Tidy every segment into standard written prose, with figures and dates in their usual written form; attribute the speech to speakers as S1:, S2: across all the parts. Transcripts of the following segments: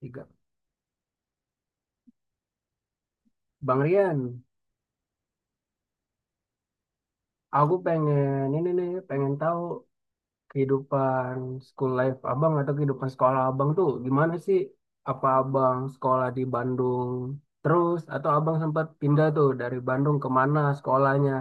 S1: Tiga. Bang Rian, aku pengen ini nih, pengen tahu kehidupan school life abang atau kehidupan sekolah abang tuh gimana sih? Apa abang sekolah di Bandung terus atau abang sempat pindah tuh dari Bandung ke mana sekolahnya?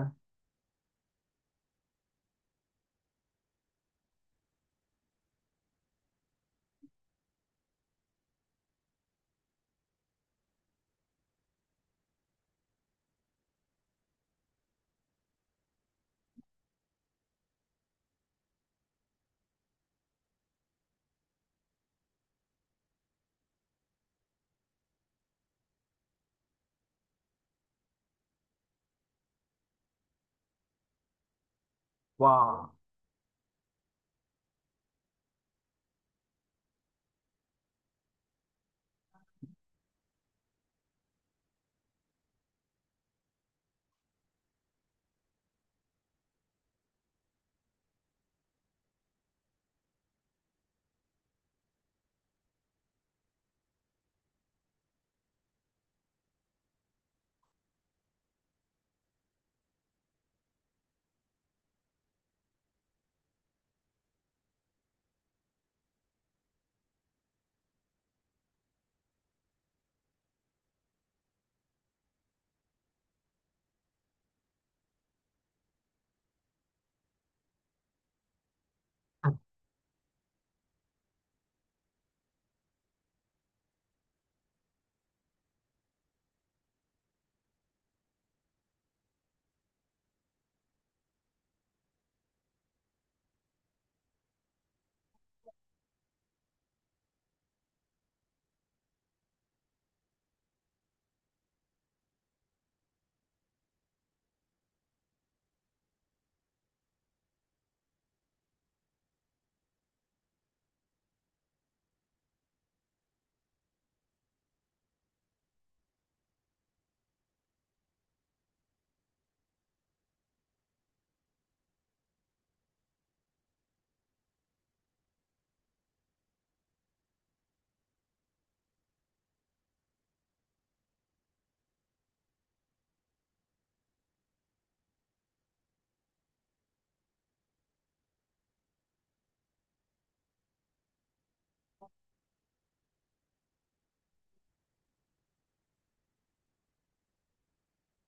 S1: Wah,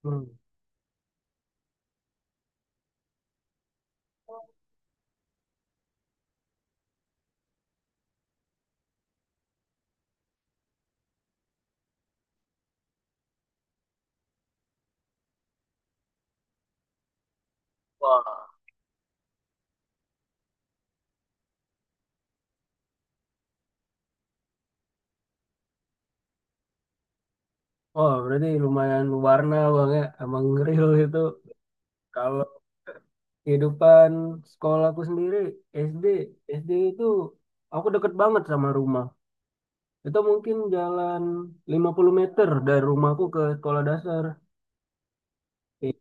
S1: hmm. Wah, wah, berarti lumayan warna bang ya, emang real itu. Kalau kehidupan sekolahku sendiri, SD, SD itu aku deket banget sama rumah. Itu mungkin jalan 50 meter dari rumahku ke sekolah dasar. I-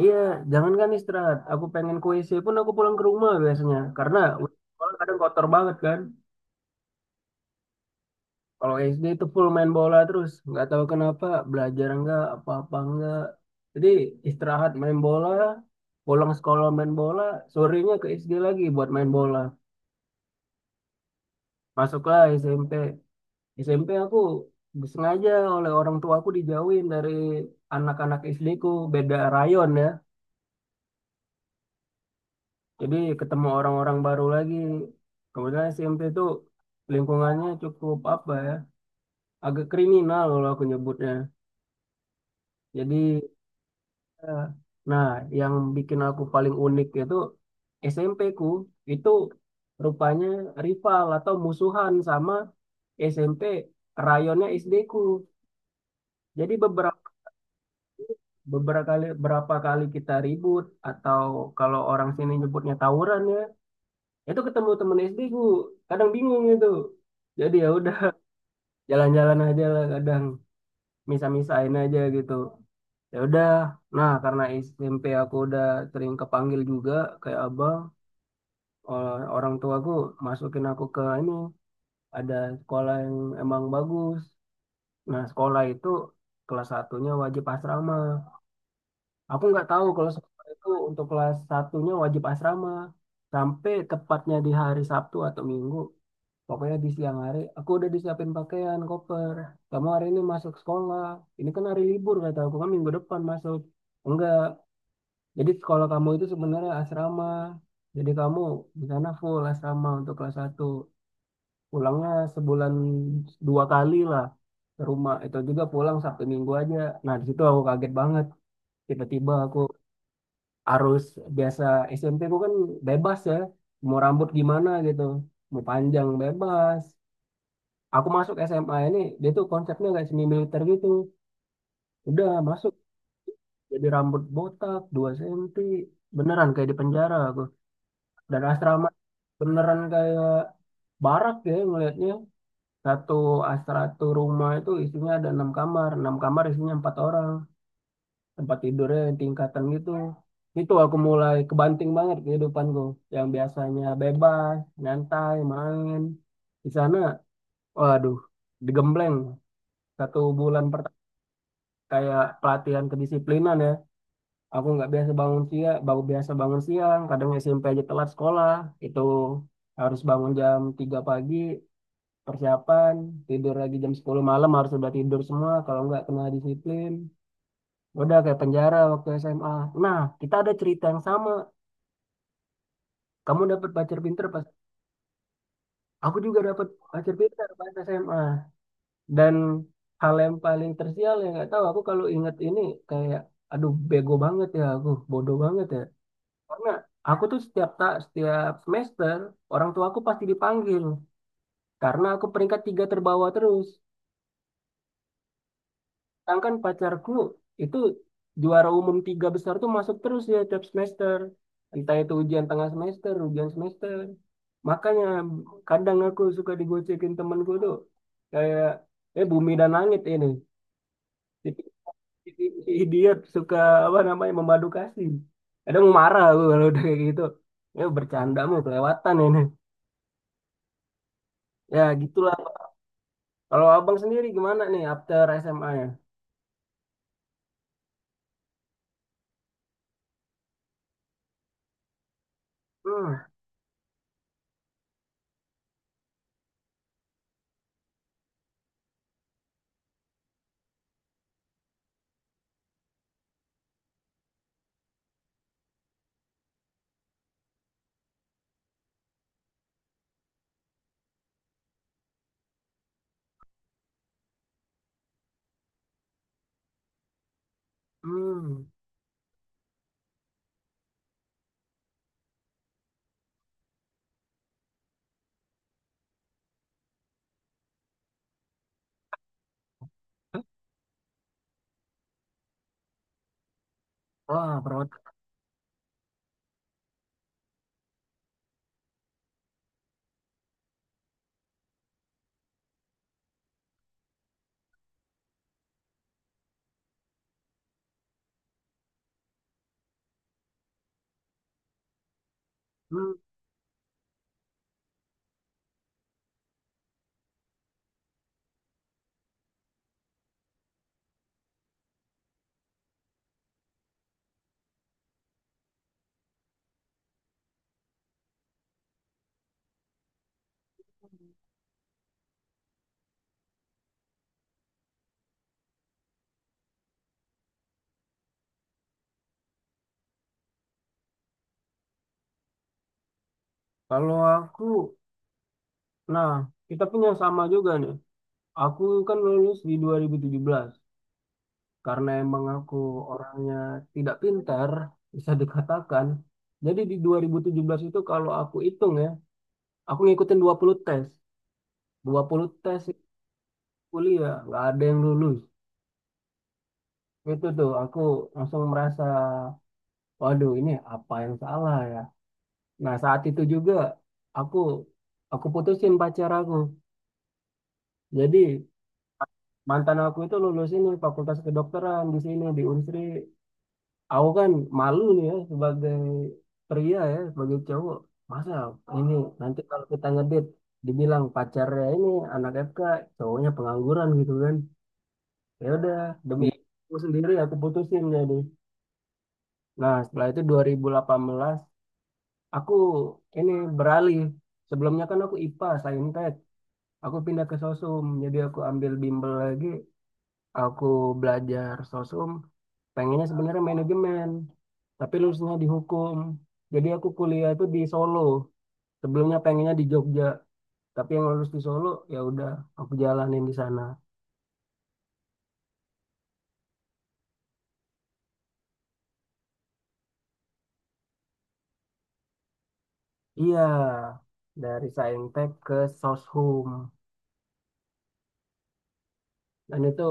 S1: iya, jangankan istirahat. Aku pengen ke WC pun aku pulang ke rumah biasanya. Karena sekolah kadang kotor banget kan. Kalau SD itu full main bola terus. Nggak tahu kenapa, belajar enggak, apa-apa enggak. Jadi istirahat main bola, pulang sekolah main bola, sorenya ke SD lagi buat main bola. Masuklah SMP. SMP aku sengaja oleh orang tua aku dijauhin dari anak-anak SD ku, beda rayon ya. Jadi ketemu orang-orang baru lagi. Kemudian SMP itu lingkungannya cukup apa ya, agak kriminal kalau aku nyebutnya. Jadi, eh, nah, yang bikin aku paling unik itu SMP ku itu rupanya rival atau musuhan sama SMP rayonnya SD ku. Jadi beberapa beberapa kali berapa kali kita ribut, atau kalau orang sini nyebutnya tawuran ya, itu ketemu temen SD ku kadang bingung gitu, jadi ya udah, jalan-jalan aja lah kadang, misa-misain aja gitu, ya udah. Nah, karena SMP aku udah sering kepanggil juga kayak abang, orang tuaku masukin aku ke ini, ada sekolah yang emang bagus. Nah, sekolah itu kelas satunya wajib asrama. Aku nggak tahu kalau sekolah itu untuk kelas satunya wajib asrama. Sampai tepatnya di hari Sabtu atau Minggu. Pokoknya di siang hari, aku udah disiapin pakaian, koper. Kamu hari ini masuk sekolah. Ini kan hari libur, kata aku kan minggu depan masuk. Enggak. Jadi sekolah kamu itu sebenarnya asrama. Jadi kamu di sana full asrama untuk kelas satu. Pulangnya sebulan 2 kali lah ke rumah. Itu juga pulang Sabtu Minggu aja. Nah, di situ aku kaget banget. Tiba-tiba aku harus biasa. SMP ku kan bebas ya, mau rambut gimana gitu, mau panjang bebas. Aku masuk SMA ini, dia tuh konsepnya kayak semi militer gitu. Udah masuk, jadi rambut botak 2 senti, beneran kayak di penjara aku. Dan asrama beneran kayak barak ya ngelihatnya. Satu asrama satu rumah itu isinya ada 6 kamar, 6 kamar isinya 4 orang, tempat tidurnya yang tingkatan gitu. Itu aku mulai kebanting banget kehidupanku, yang biasanya bebas, nyantai, main. Di sana, waduh, digembleng 1 bulan pertama kayak pelatihan kedisiplinan ya. Aku nggak biasa bangun siang, baru biasa bangun siang, kadang SMP aja telat sekolah. Itu harus bangun jam 3 pagi persiapan, tidur lagi jam 10 malam, harus udah tidur semua, kalau nggak kena disiplin. Udah kayak penjara waktu SMA. Nah, kita ada cerita yang sama. Kamu dapat pacar pinter pas, aku juga dapat pacar pinter pas SMA. Dan hal yang paling tersial yang nggak tahu aku kalau inget ini, kayak, aduh, bego banget ya aku, bodoh banget ya. Karena aku tuh setiap tak setiap semester orang tua aku pasti dipanggil, karena aku peringkat tiga terbawah terus. Sedangkan pacarku itu juara umum, tiga besar tuh masuk terus ya tiap semester. Entah itu ujian tengah semester, ujian semester. Makanya kadang aku suka digocekin temanku tuh, kayak, eh, bumi dan langit ini. Si Idiot suka apa namanya memadu kasih. Kadang mau marah aku kalau udah kayak gitu. Ya bercanda mau kelewatan ini. Ya gitulah. Kalau abang sendiri gimana nih after SMA ya? Hmm, hmm. Wah, perawat. Kalau aku, nah, kita punya sama juga nih. Aku kan lulus di 2017, karena emang aku orangnya tidak pintar, bisa dikatakan. Jadi di 2017 itu kalau aku hitung ya, aku ngikutin 20 tes. 20 tes kuliah, nggak ada yang lulus. Itu tuh aku langsung merasa, waduh, ini apa yang salah ya. Nah, saat itu juga aku aku putusin pacar aku. Jadi mantan aku itu lulus ini fakultas kedokteran di sini di Unsri. Aku kan malu nih ya sebagai pria, ya sebagai cowok, masa ini nanti kalau kita ngedit dibilang pacarnya ini anak FK, cowoknya pengangguran gitu kan. Ya udah, demi Iya. Aku sendiri aku putusin. Jadi, nah, setelah itu 2018 aku ini beralih. Sebelumnya kan aku IPA Saintek, aku pindah ke Sosum, jadi aku ambil bimbel lagi. Aku belajar sosum, pengennya sebenarnya manajemen, tapi lulusnya di hukum. Jadi aku kuliah itu di Solo, sebelumnya pengennya di Jogja, tapi yang lulus di Solo, ya udah aku jalanin di sana. Iya, dari Saintek ke Soshum, dan itu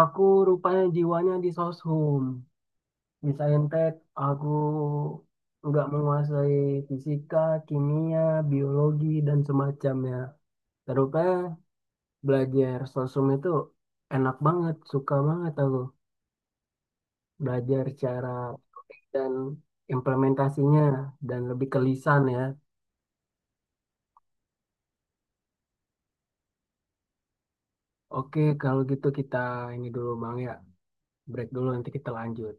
S1: aku rupanya jiwanya di Soshum. Di Saintek aku nggak menguasai fisika, kimia, biologi dan semacamnya. Terus belajar sosum itu enak banget, suka banget aku belajar cara dan implementasinya, dan lebih ke lisan ya. Oke, kalau gitu kita ini dulu Bang ya, break dulu nanti kita lanjut.